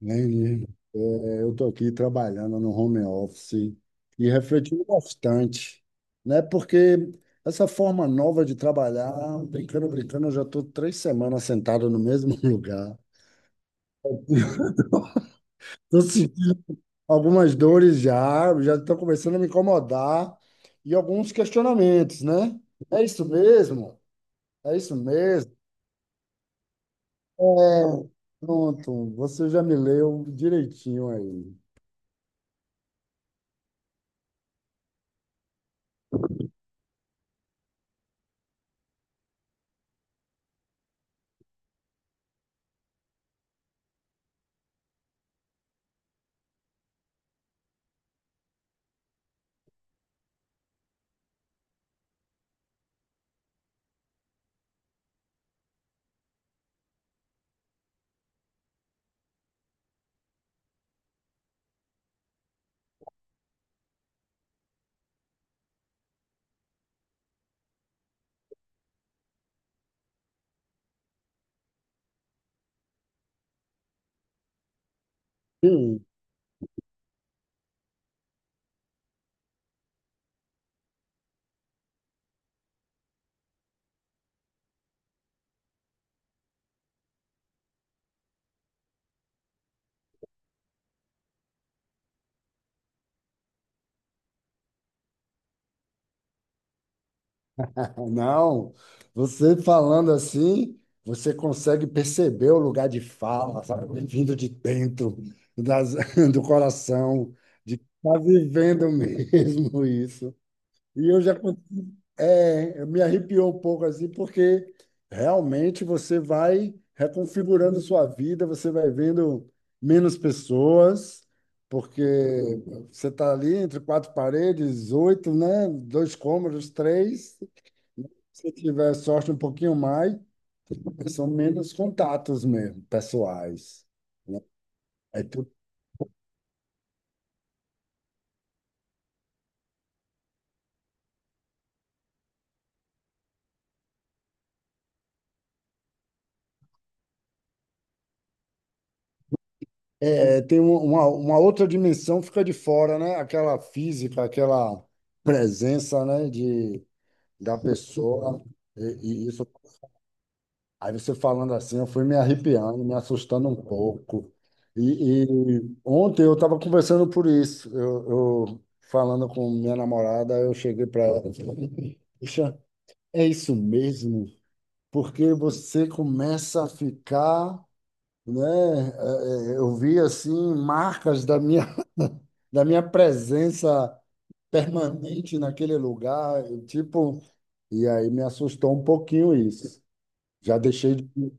Entendi. É, eu estou aqui trabalhando no home office e refletindo bastante, né? Porque essa forma nova de trabalhar, brincando, brincando, eu já estou 3 semanas sentado no mesmo lugar. Estou sentindo algumas dores já, já estão começando a me incomodar e alguns questionamentos, né? É isso mesmo? É isso mesmo? É, pronto, você já me leu direitinho aí. Não, você falando assim, você consegue perceber o lugar de fala, sabe? Vindo de dentro, das, do coração, de tá vivendo mesmo isso. E eu já, me arrepiou um pouco assim, porque realmente você vai reconfigurando sua vida, você vai vendo menos pessoas, porque você está ali entre quatro paredes, oito, né? Dois cômodos, três. Se tiver sorte um pouquinho mais, são menos contatos mesmo, pessoais, né? É, tu- tem uma outra dimensão fica de fora, né? Aquela física, aquela presença, né? Da pessoa. E isso, aí você falando assim, eu fui me arrepiando, me assustando um pouco. E, e ontem eu estava conversando por isso. Eu falando com minha namorada, eu cheguei para ela. Puxa, é isso mesmo? Porque você começa a ficar, né? Eu vi assim marcas da minha, da minha presença permanente naquele lugar, eu, tipo, e aí me assustou um pouquinho isso. Já deixei de.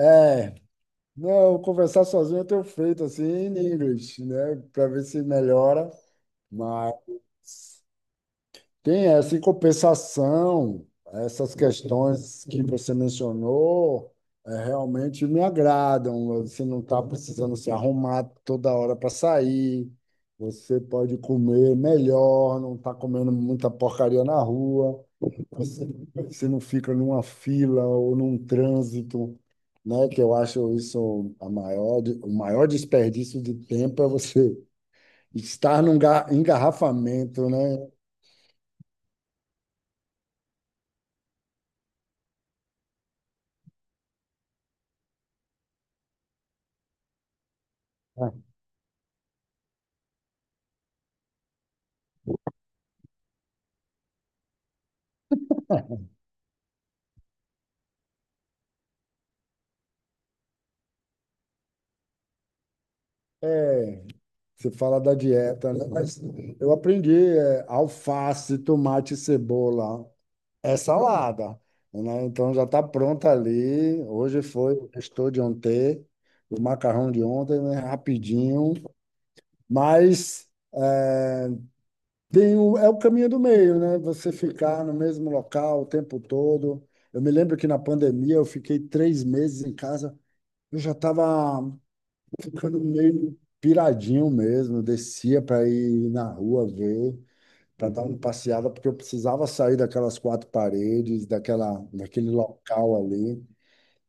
É, não, conversar sozinho eu tenho feito assim em inglês, né? Para ver se melhora, mas tem essa em compensação, essas questões que você mencionou realmente me agradam. Você não está precisando se arrumar toda hora para sair, você pode comer melhor, não está comendo muita porcaria na rua, você, você não fica numa fila ou num trânsito, né? Que eu acho isso a maior, de- o maior desperdício de tempo é você estar num engarrafamento, né? É, você fala da dieta, né? Mas eu aprendi alface, tomate, cebola. É salada, né? Então já está pronta ali. Hoje foi o estou de ontem, o macarrão de ontem, né? Rapidinho. Mas é, é o caminho do meio, né? Você ficar no mesmo local o tempo todo. Eu me lembro que na pandemia eu fiquei 3 meses em casa. Eu já estava ficando meio piradinho mesmo. Descia para ir na rua ver, para dar uma passeada, porque eu precisava sair daquelas quatro paredes, daquela, daquele local ali,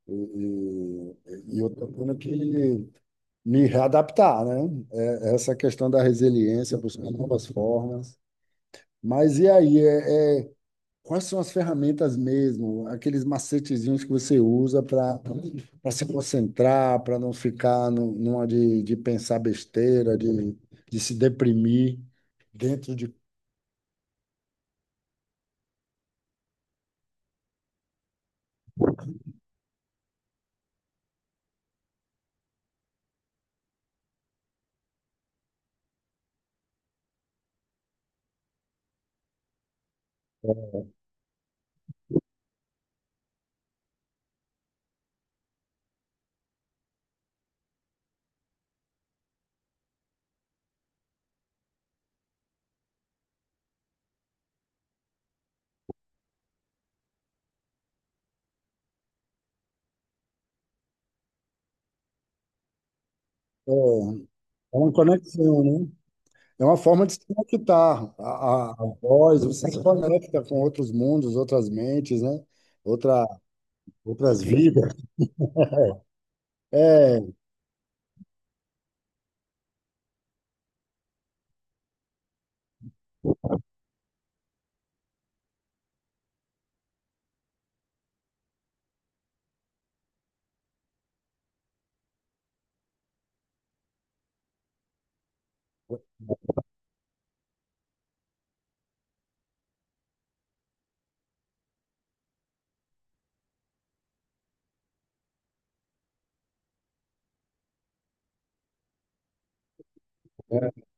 e eu tô tendo que me readaptar, né? É, essa questão da resiliência, buscar novas formas. Mas e aí, quais são as ferramentas mesmo, aqueles macetezinhos que você usa para para se concentrar, para não ficar numa de, pensar besteira, de se deprimir dentro de... É, é uma conexão, né? É uma forma de se conectar. A voz, você se conecta com outros mundos, outras mentes, né? Outra, outras vidas. É, é,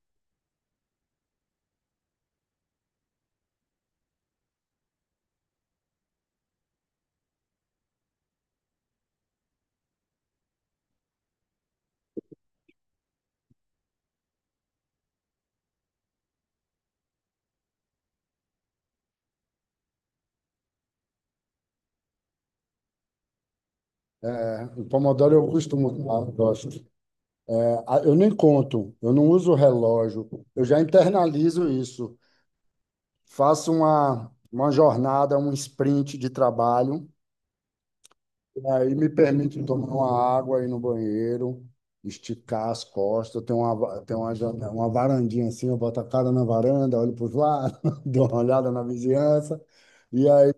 o Pomodoro eu costumo usar, eu gosto. É, eu nem conto, eu não uso relógio, eu já internalizo isso. Faço uma jornada, um sprint de trabalho. Aí me permite tomar uma água aí no banheiro, esticar as costas, tem uma varandinha assim, eu boto a cara na varanda, olho para os lados, dou uma olhada na vizinhança, e aí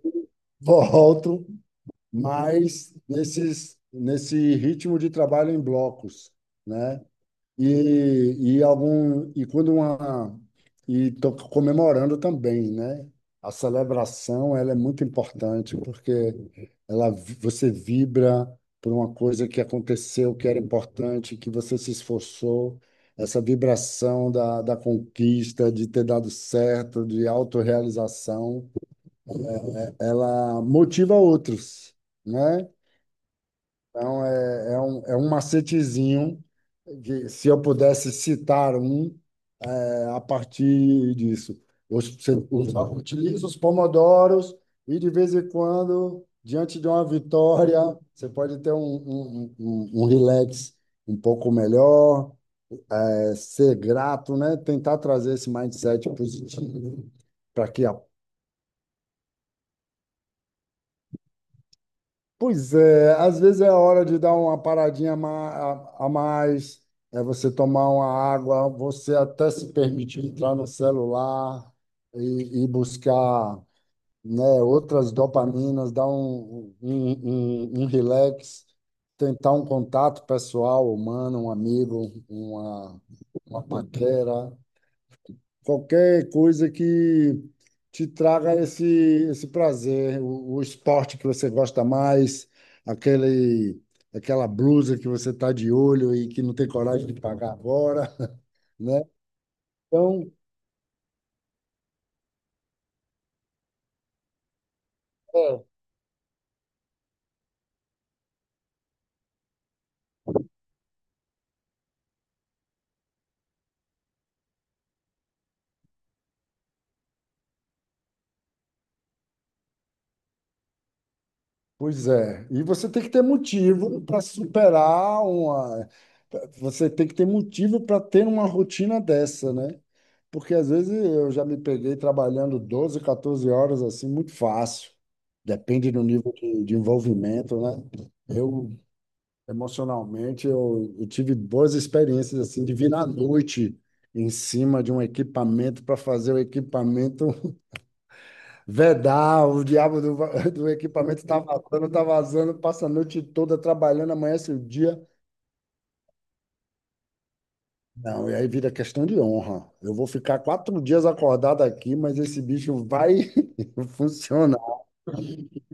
volto, mas nesse ritmo de trabalho em blocos, né? E algum e quando uma e tô comemorando também, né? A celebração, ela é muito importante porque ela você vibra por uma coisa que aconteceu, que era importante, que você se esforçou. Essa vibração da, da conquista, de ter dado certo, de autorrealização, ela motiva outros, né? Então é um macetezinho que se eu pudesse citar um a partir disso. Hoje você utiliza os pomodoros e, de vez em quando, diante de uma vitória, você pode ter um relax um pouco melhor, é, ser grato, né? Tentar trazer esse mindset positivo para que a... Pois é, às vezes é hora de dar uma paradinha a mais, é você tomar uma água, você até se permitir entrar no celular e buscar, né? Outras dopaminas, dar um relax, tentar um contato pessoal, humano, um amigo, uma paquera, qualquer coisa que te traga esse, prazer, o esporte que você gosta mais, aquele, aquela blusa que você está de olho e que não tem coragem de pagar agora, né? Então, é, pois é. E você tem que ter motivo para superar uma. Você tem que ter motivo para ter uma rotina dessa, né? Porque às vezes eu já me peguei trabalhando 12, 14 horas assim, muito fácil. Depende do nível de envolvimento, né? Eu, emocionalmente, eu tive boas experiências assim, de vir à noite em cima de um equipamento para fazer o equipamento vedar, o diabo do equipamento está vazando, tá vazando, passa a noite toda trabalhando, amanhece o dia. Não, e aí vira questão de honra. Eu vou ficar 4 dias acordado aqui, mas esse bicho vai funcionar.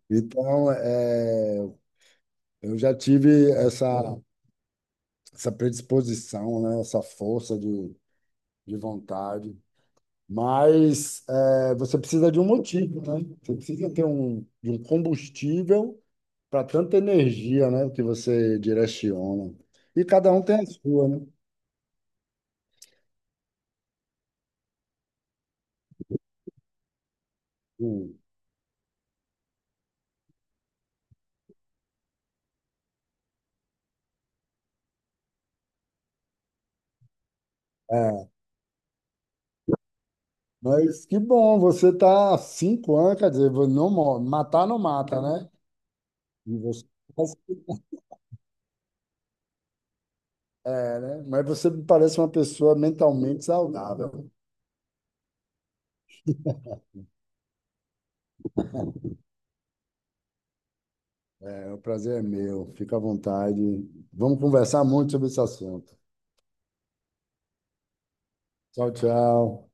Então, é, eu já tive essa predisposição, né, essa força de vontade. Mas é, você precisa de um motivo, né? Você precisa ter um, de um combustível para tanta energia, né, que você direciona. E cada um tem a sua, né? Hum. É, mas que bom, você tá há 5 anos, quer dizer, não, matar não mata, né? E você, é, né? Mas você me parece uma pessoa mentalmente saudável. É, o prazer é meu, fica à vontade. Vamos conversar muito sobre esse assunto. Tchau, tchau.